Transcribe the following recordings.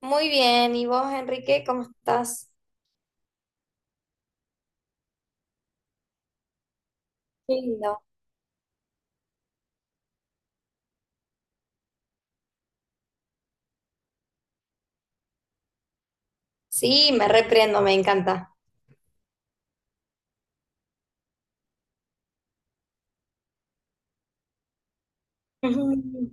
Muy bien, ¿y vos, Enrique, cómo estás? Qué lindo. Sí, me reprendo, me encanta. Ujú.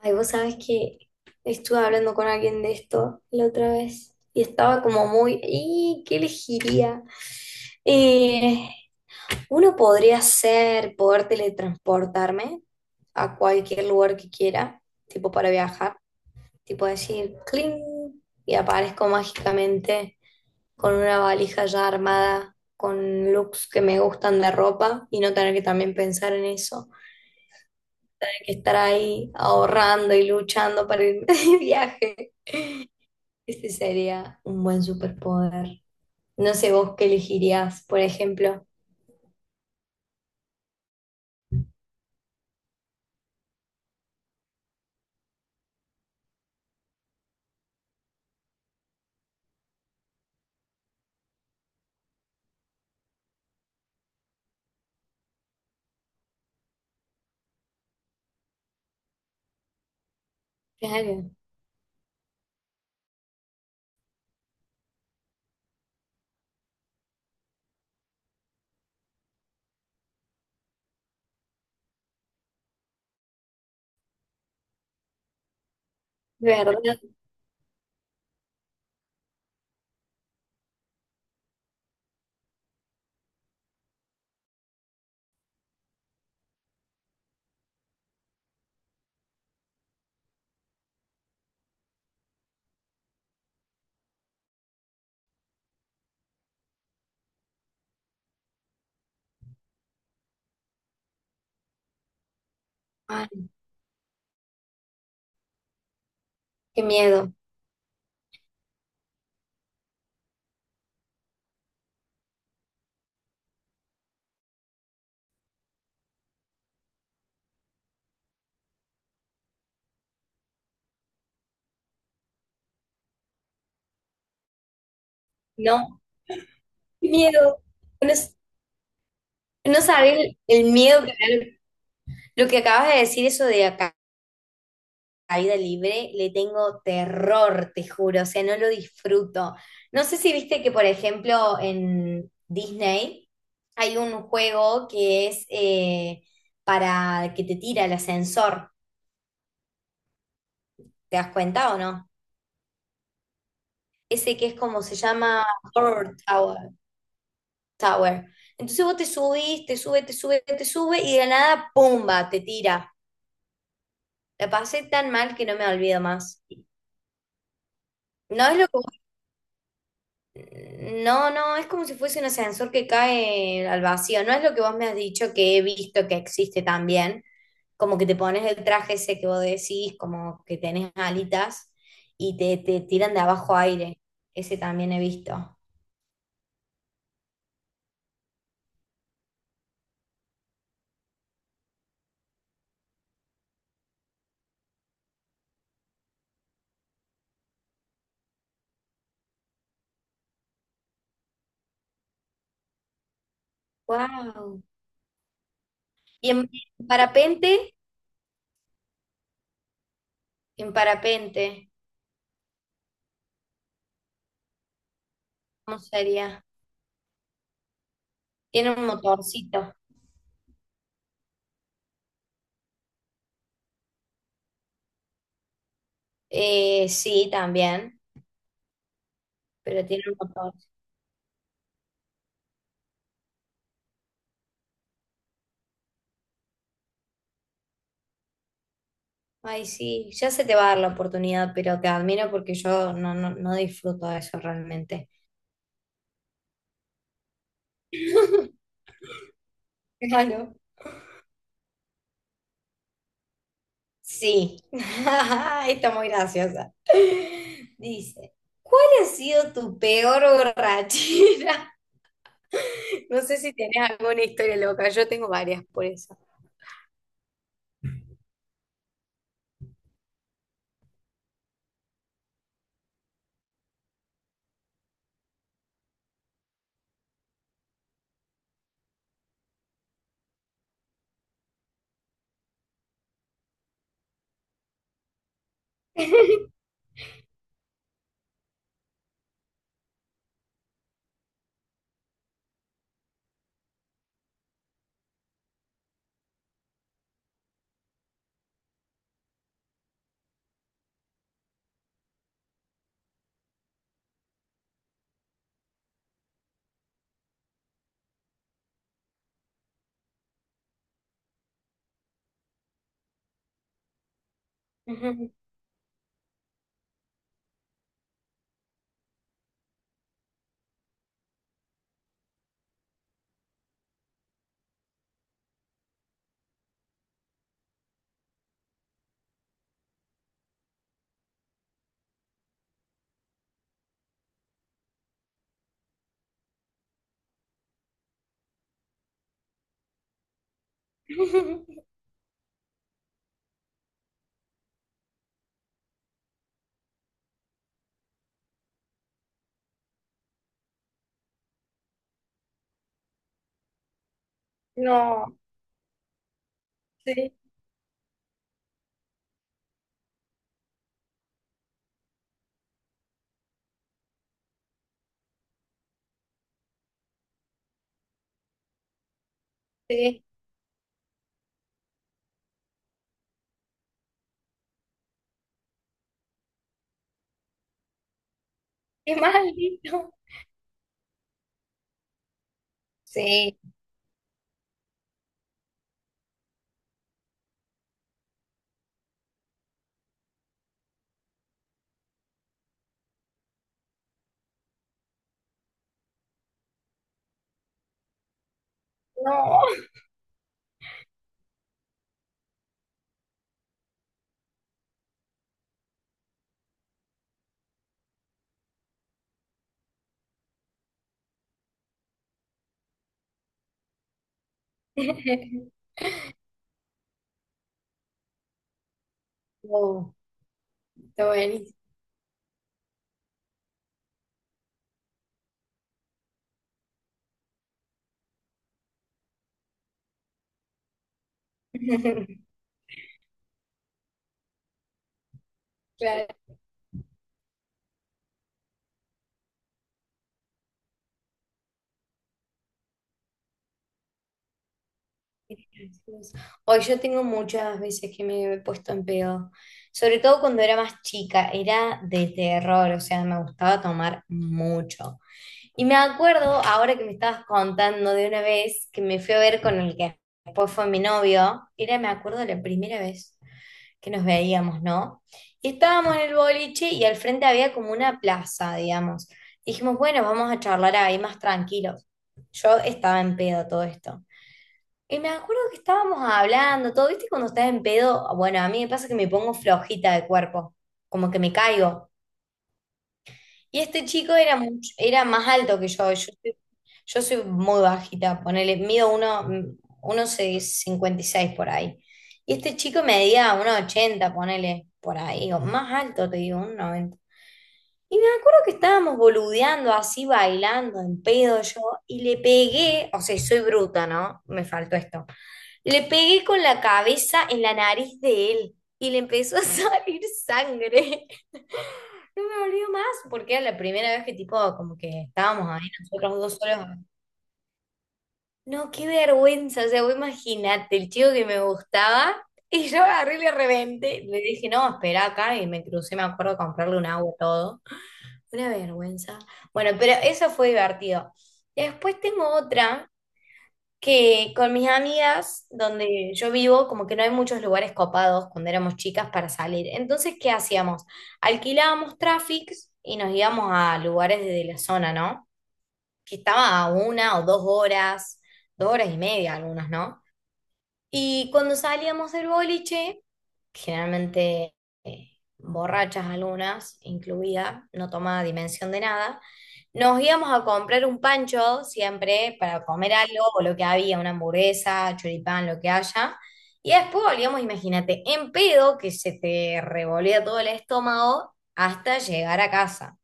Ay, vos sabés que estuve hablando con alguien de esto la otra vez y estaba como muy, ¿y qué elegiría? Eh, uno podría ser poder teletransportarme a cualquier lugar que quiera, tipo para viajar. Tipo decir cling y aparezco mágicamente con una valija ya armada, con looks que me gustan de ropa y no tener que también pensar en eso, tener que estar ahí ahorrando y luchando para irme de viaje. Este sería un buen superpoder. No sé vos qué elegirías, por ejemplo. Claro, de verdad. Ay, qué miedo. No, qué miedo. No, no saber el miedo que me da. Lo que acabas de decir, eso de acá la vida libre le tengo terror, te juro, o sea, no lo disfruto. No sé si viste que, por ejemplo, en Disney hay un juego que es para que te tira el ascensor, ¿te das cuenta o no? Ese que es como se llama Horror Tower. Tower. Entonces vos te subís, te sube, te sube, te sube y de la nada, ¡pumba!, te tira. La pasé tan mal que no me olvido más. No es lo que No, no, es como si fuese un ascensor que cae al vacío. No es lo que vos me has dicho que he visto que existe también. Como que te pones el traje ese que vos decís, como que tenés alitas y te tiran de abajo aire. Ese también he visto. Wow. Y en, en parapente, en parapente, ¿cómo sería? Tiene un motorcito. Sí, también, pero tiene un motor. Ay, sí, ya se te va a dar la oportunidad, pero te admiro porque yo no, no, no disfruto de eso realmente. Claro. Sí, está muy graciosa. Dice, ¿cuál ha sido tu peor borrachera? No sé si tenés alguna historia loca, yo tengo varias por eso. No, sí, sí, qué maldito. Sí, no. Oh, está buenísimo. Claro. Hoy yo tengo muchas veces que me he puesto en pedo, sobre todo cuando era más chica, era de terror, o sea, me gustaba tomar mucho. Y me acuerdo, ahora que me estabas contando de una vez que me fui a ver con el que después fue mi novio, era, me acuerdo, la primera vez que nos veíamos, ¿no? Y estábamos en el boliche y al frente había como una plaza, digamos. Dijimos, bueno, vamos a charlar ahí más tranquilos. Yo estaba en pedo todo esto. Y me acuerdo que estábamos hablando, todo, ¿viste? Cuando estás en pedo, bueno, a mí me pasa que me pongo flojita de cuerpo, como que me caigo. Y este chico era, era más alto que yo. Yo soy muy bajita, ponele, mido uno 56 por ahí. Y este chico medía 1,80 ponele, por ahí, o más alto, te digo, 1,90. Y me acuerdo que estábamos boludeando así, bailando en pedo yo, y le pegué, o sea, soy bruta, ¿no? Me faltó esto. Le pegué con la cabeza en la nariz de él y le empezó a salir sangre. No me volvió más porque era la primera vez que tipo como que estábamos ahí nosotros dos solos. No, qué vergüenza, o sea, vos imaginate, el chico que me gustaba y yo agarré y le reventé. Le dije, no, espera acá y me crucé, me acuerdo, a comprarle un agua y todo. Una vergüenza. Bueno, pero eso fue divertido. Después tengo otra que con mis amigas, donde yo vivo, como que no hay muchos lugares copados cuando éramos chicas para salir. Entonces, ¿qué hacíamos? Alquilábamos Traffics y nos íbamos a lugares de la zona, ¿no? Que estaba a 1 o 2 horas, 2 horas y media algunos, ¿no? Y cuando salíamos del boliche, generalmente eh, borrachas algunas, incluida, no tomaba dimensión de nada. Nos íbamos a comprar un pancho siempre para comer algo o lo que había, una hamburguesa, choripán, lo que haya. Y después volvíamos, imagínate, en pedo que se te revolvía todo el estómago hasta llegar a casa.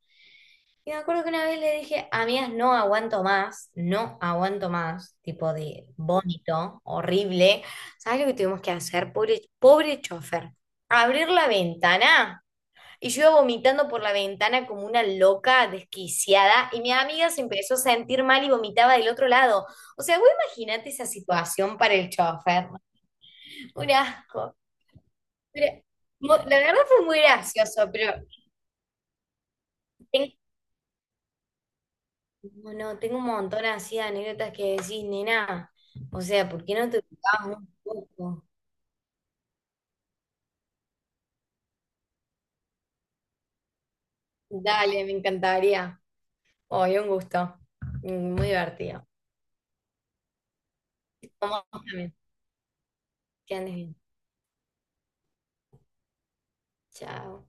Y me acuerdo que una vez le dije, amigas, no aguanto más, no aguanto más, tipo de vómito horrible. ¿Sabes lo que tuvimos que hacer? Pobre, pobre chofer. Abrir la ventana. Y yo iba vomitando por la ventana como una loca desquiciada. Y mi amiga se empezó a sentir mal y vomitaba del otro lado. O sea, vos imaginate esa situación para el chofer. Un asco. Pero, la verdad fue muy gracioso, pero bueno, tengo un montón así de anécdotas que decís, nena. O sea, ¿por qué no te ubicás un poco? Dale, me encantaría. Hoy un gusto. Muy divertido. Vamos también. Que andes bien. Chao.